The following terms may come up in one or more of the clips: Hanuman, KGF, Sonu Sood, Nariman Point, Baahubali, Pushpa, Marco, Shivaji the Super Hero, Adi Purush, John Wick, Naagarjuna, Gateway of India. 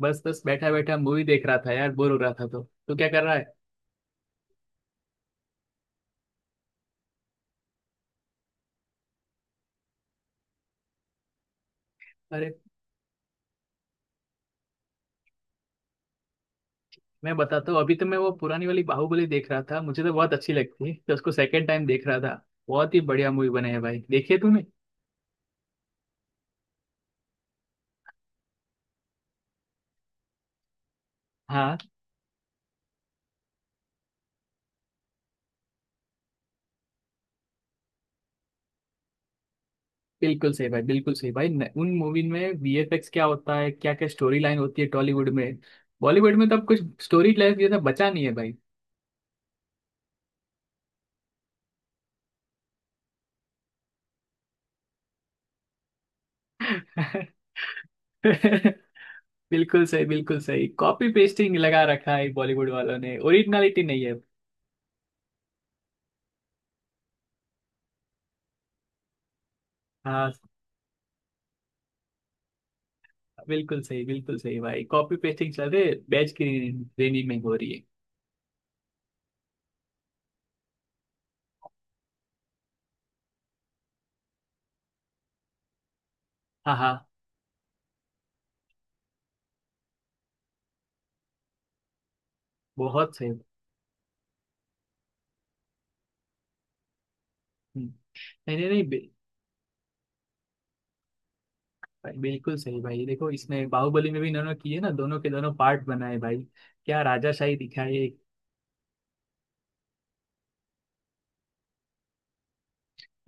बस बस बैठा बैठा मूवी देख रहा था यार। बोर हो रहा था। तो क्या कर रहा है। अरे मैं बताता हूँ। अभी तो मैं वो पुरानी वाली बाहुबली देख रहा था। मुझे तो बहुत अच्छी लगती है, तो उसको सेकंड टाइम देख रहा था। बहुत ही बढ़िया मूवी बने है भाई, देखिए तूने। हाँ, बिल्कुल सही भाई, बिल्कुल सही भाई न, उन मूवी में वीएफएक्स क्या होता है, क्या क्या स्टोरी लाइन होती है टॉलीवुड में। बॉलीवुड में तो अब कुछ स्टोरी लाइन जैसा बचा नहीं है भाई। बिल्कुल सही बिल्कुल सही, कॉपी पेस्टिंग लगा रखा है बॉलीवुड वालों ने, ओरिजिनलिटी नहीं है। हाँ, बिल्कुल सही भाई, कॉपी पेस्टिंग चल रही है बैच की। रेनी में हो रही है। हाँ हाँ, बहुत सही। हम्म, नहीं नहीं नहीं बिल, भाई, बिल्कुल सही भाई, देखो इसमें बाहुबली में भी इन्होंने किए ना, दोनों के दोनों पार्ट बनाए भाई। क्या राजाशाही दिखाई है।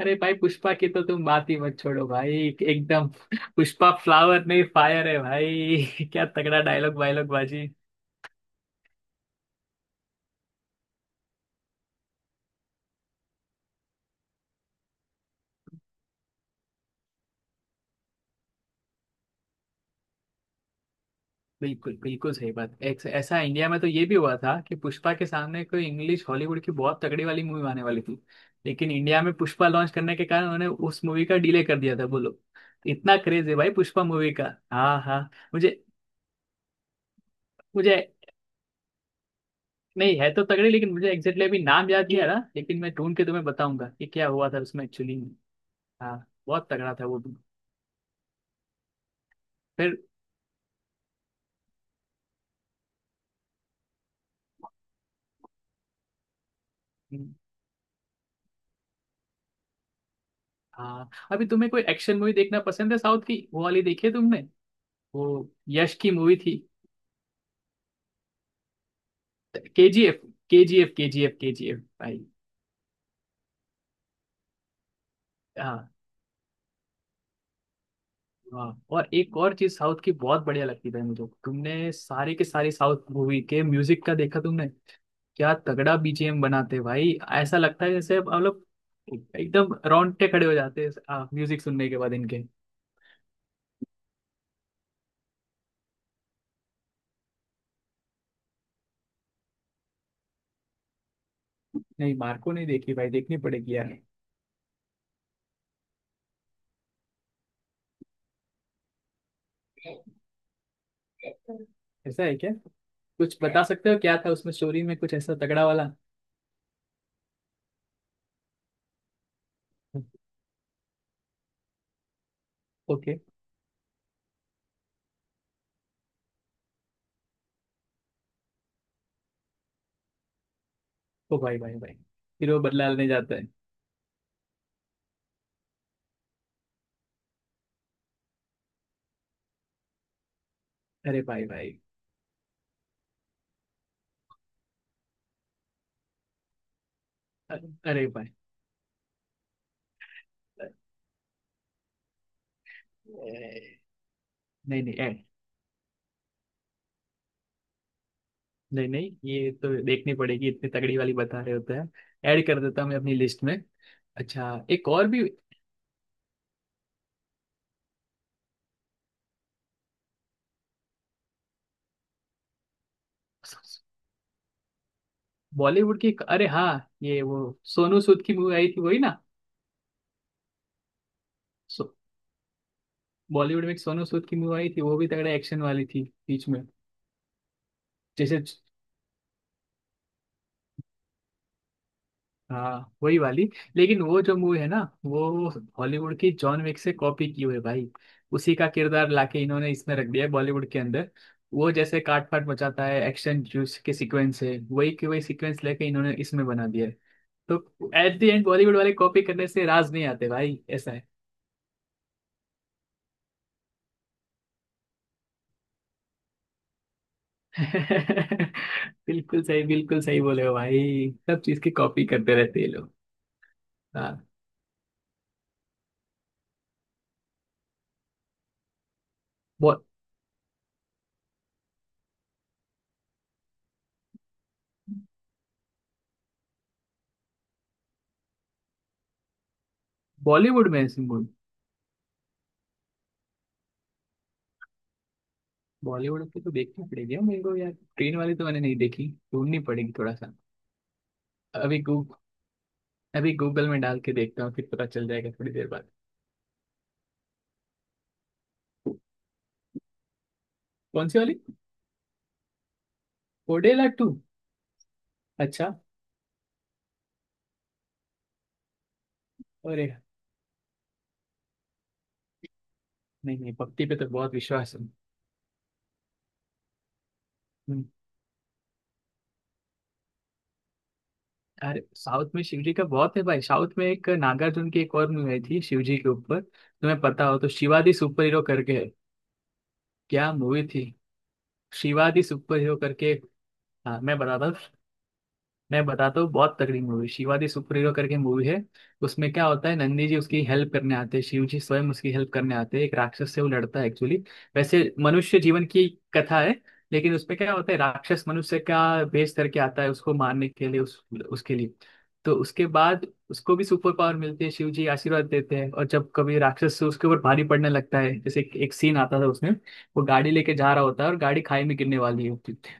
अरे भाई, पुष्पा की तो तुम बात ही मत छोड़ो भाई। एकदम पुष्पा फ्लावर नहीं फायर है भाई क्या तगड़ा डायलॉग वायलॉग बाजी। बिल्कुल बिल्कुल सही बात। ऐसा इंडिया में तो ये भी हुआ था कि पुष्पा के सामने कोई इंग्लिश हॉलीवुड की बहुत तगड़ी वाली मूवी आने वाली थी, लेकिन इंडिया में पुष्पा लॉन्च करने के कारण उन्होंने उस मूवी का डिले कर दिया था। बोलो, इतना क्रेज है भाई पुष्पा मूवी का। हाँ हाँ। मुझे मुझे नहीं है तो तगड़ी, लेकिन मुझे एग्जैक्टली अभी नाम याद नहीं आ रहा, लेकिन मैं ढूंढ के तुम्हें बताऊंगा कि क्या हुआ था उसमें एक्चुअली में। हाँ, बहुत तगड़ा था वो भी। फिर हाँ, अभी तुम्हें कोई एक्शन मूवी देखना पसंद है। साउथ की वो वाली देखी है तुमने, वो यश की मूवी थी। K G F, K G F, K G F, K G F भाई। हाँ, वाह। और एक और चीज साउथ की बहुत बढ़िया लगती है मुझे, तुमने सारे के सारे साउथ मूवी के म्यूजिक का देखा तुमने, क्या तगड़ा बीजीएम बनाते हैं भाई। ऐसा लगता है जैसे मतलब एकदम रोंगटे खड़े हो जाते हैं म्यूजिक सुनने के बाद इनके। नहीं मार्को नहीं देखी भाई, देखनी पड़ेगी यार। ऐसा है क्या, कुछ बता सकते हो क्या था उसमें स्टोरी में कुछ ऐसा तगड़ा वाला। ओके। ओ भाई भाई भाई, फिर वो बदला लेने जाता है। अरे भाई भाई, अरे भाई। नहीं नहीं ऐड नहीं नहीं, ये तो देखनी पड़ेगी, इतनी तगड़ी वाली बता रहे होते हैं, ऐड कर देता हूँ मैं अपनी लिस्ट में। अच्छा एक और भी बॉलीवुड की, अरे हाँ, ये वो सोनू सूद की मूवी आई थी वही ना। सो बॉलीवुड में एक सोनू सूद की मूवी आई थी, वो भी तगड़ा एक्शन वाली थी बीच में जैसे। हाँ वही वाली, लेकिन वो जो मूवी है ना, वो हॉलीवुड की जॉन विक से कॉपी की हुई है भाई। उसी का किरदार लाके इन्होंने इसमें रख दिया है बॉलीवुड के अंदर। वो जैसे काट फाट मचाता है, एक्शन जूस के सीक्वेंस है, वही के वही सीक्वेंस लेके इन्होंने इसमें बना दिया है। तो एट द एंड बॉलीवुड वाले कॉपी करने से राज नहीं आते भाई, ऐसा है। बिल्कुल सही बोले हो भाई, सब चीज की कॉपी करते रहते हैं ये लोग। हाँ। बॉ- बॉलीवुड में ऐसी, बॉलीवुड की तो देखनी पड़ेगी यार मेरे को यार। ट्रेन वाली तो मैंने नहीं देखी, ढूंढनी पड़ेगी थोड़ा सा। अभी गूग अभी गूगल में डाल के देखता हूँ, फिर पता चल जाएगा थोड़ी देर बाद। कौन सी वाली, ओडेला टू। अच्छा, अरे नहीं नहीं, भक्ति पे तो बहुत विश्वास है। हम्म, अरे साउथ में शिवजी का बहुत है भाई। साउथ में एक नागार्जुन की एक और मूवी आई थी शिवजी के ऊपर, तुम्हें पता हो तो, शिवाजी सुपर हीरो करके है। क्या मूवी थी, शिवाजी सुपर हीरो करके। हाँ मैं बताता हूँ, मैं बताता हूँ बहुत तगड़ी movie, Shiva the superhero करके मूवी है। उसमें क्या होता है, नंदी जी उसकी हेल्प करने आते हैं, शिव जी स्वयं उसकी हेल्प करने आते हैं, एक राक्षस से वो लड़ता है एक्चुअली। वैसे मनुष्य जीवन की कथा है, लेकिन उसमें क्या होता है, राक्षस मनुष्य का भेष करके आता है उसको मारने के लिए, उसके लिए। तो उसके बाद उसको भी सुपर पावर मिलती है, शिव जी आशीर्वाद देते हैं, और जब कभी राक्षस से उसके ऊपर भारी पड़ने लगता है, जैसे एक सीन आता था उसमें, वो गाड़ी लेके जा रहा होता है और गाड़ी खाई में गिरने वाली है,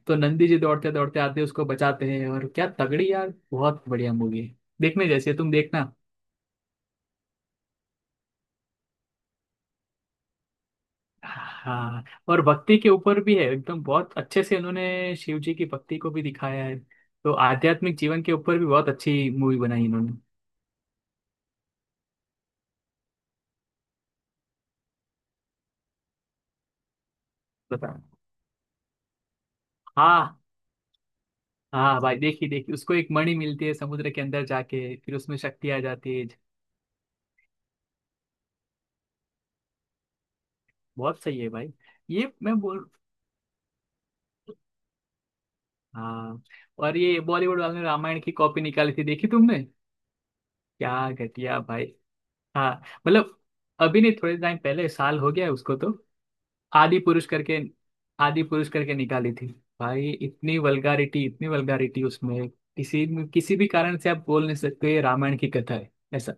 तो नंदी जी दौड़ते दौड़ते आते हैं, उसको बचाते हैं, और क्या तगड़ी यार, बहुत बढ़िया मूवी है, देखने जैसी है, तुम देखना। हाँ, और भक्ति के ऊपर भी है एकदम, बहुत अच्छे से उन्होंने शिव जी की भक्ति को भी दिखाया है, तो आध्यात्मिक जीवन के ऊपर भी बहुत अच्छी मूवी बनाई इन्होंने। बताओ। हाँ हाँ भाई, देखी देखी, उसको एक मणि मिलती है समुद्र के अंदर जाके, फिर उसमें शक्ति आ जाती है। बहुत सही है भाई। ये मैं बोल हाँ, और ये बॉलीवुड वाले ने रामायण की कॉपी निकाली थी देखी तुमने, क्या घटिया भाई। हाँ मतलब, अभी नहीं, थोड़े टाइम पहले, साल हो गया है उसको तो, आदि पुरुष करके, आदि पुरुष करके निकाली थी भाई। इतनी वल्गारिटी, इतनी वल्गारिटी उसमें, किसी किसी भी कारण से आप बोल नहीं सकते ये रामायण की कथा है ऐसा।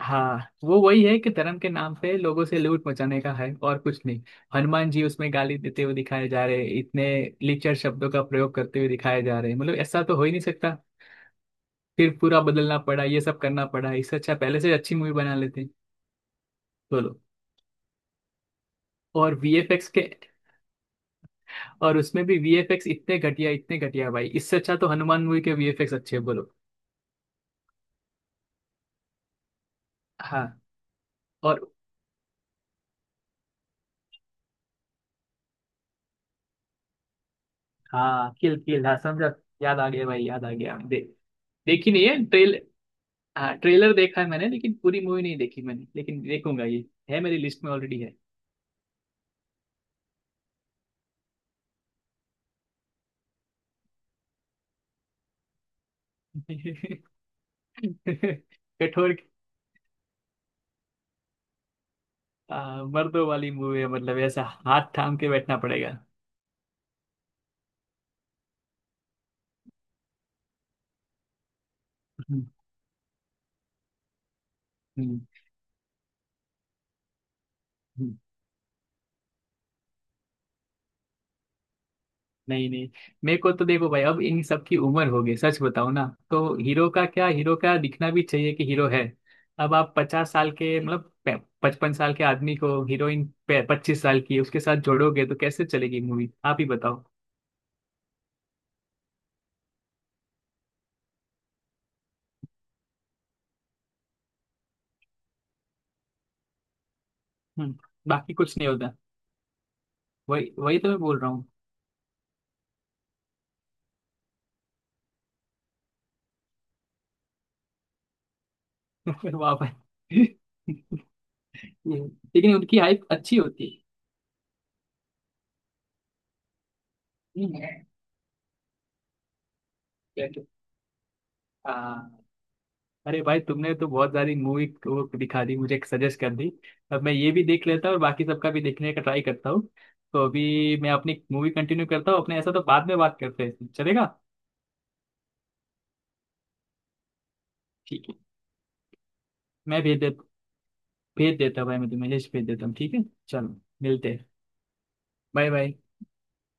हाँ, वो वही है कि धर्म के नाम पे लोगों से लूट मचाने का है और कुछ नहीं। हनुमान जी उसमें गाली देते हुए दिखाए जा रहे हैं, इतने लिचर शब्दों का प्रयोग करते हुए दिखाए जा रहे हैं, मतलब ऐसा तो हो ही नहीं सकता। फिर पूरा बदलना पड़ा, ये सब करना पड़ा, इससे अच्छा पहले से अच्छी मूवी बना लेते। बोलो। और वीएफएक्स के, और उसमें भी वीएफएक्स इतने घटिया, इतने घटिया भाई, इससे अच्छा तो हनुमान मूवी के वीएफएक्स अच्छे हैं, बोलो। हाँ, और हाँ, किल किल हाँ समझा, याद आ गया भाई, याद आ गया। देखी नहीं है ट्रेल हाँ ट्रेलर देखा है मैंने, लेकिन पूरी मूवी नहीं देखी मैंने, लेकिन देखूंगा, ये है मेरी लिस्ट में ऑलरेडी है। कठोर। मर्दों वाली मूवी है, मतलब ऐसा हाथ थाम के बैठना पड़ेगा। हम्म, हम्म, हम्म। नहीं नहीं, मेरे को तो देखो भाई, अब इन सब की उम्र हो गई, सच बताओ ना, तो हीरो का क्या, हीरो का दिखना भी चाहिए कि हीरो है। अब आप 50 साल के मतलब 55 साल के आदमी को, हीरोइन 25 साल की उसके साथ जोड़ोगे, तो कैसे चलेगी मूवी आप ही बताओ। हम्म, बाकी कुछ नहीं होता, वही वही तो मैं बोल रहा हूँ। वाह भाई लेकिन उनकी हाइप अच्छी होती है। हम्म, हाँ, अरे भाई तुमने तो बहुत सारी मूवी को दिखा दी, मुझे सजेस्ट कर दी, अब मैं ये भी देख लेता हूँ और बाकी सबका भी देखने का ट्राई करता हूँ। तो अभी मैं अपनी मूवी कंटिन्यू करता हूँ अपने, ऐसा तो बाद में बात करते हैं, चलेगा। ठीक है, मैं भेज दे भेज देता हूँ भाई, मैं तुम्हें लिस्ट भेज देता हूँ, ठीक है। चलो मिलते हैं, बाय बाय।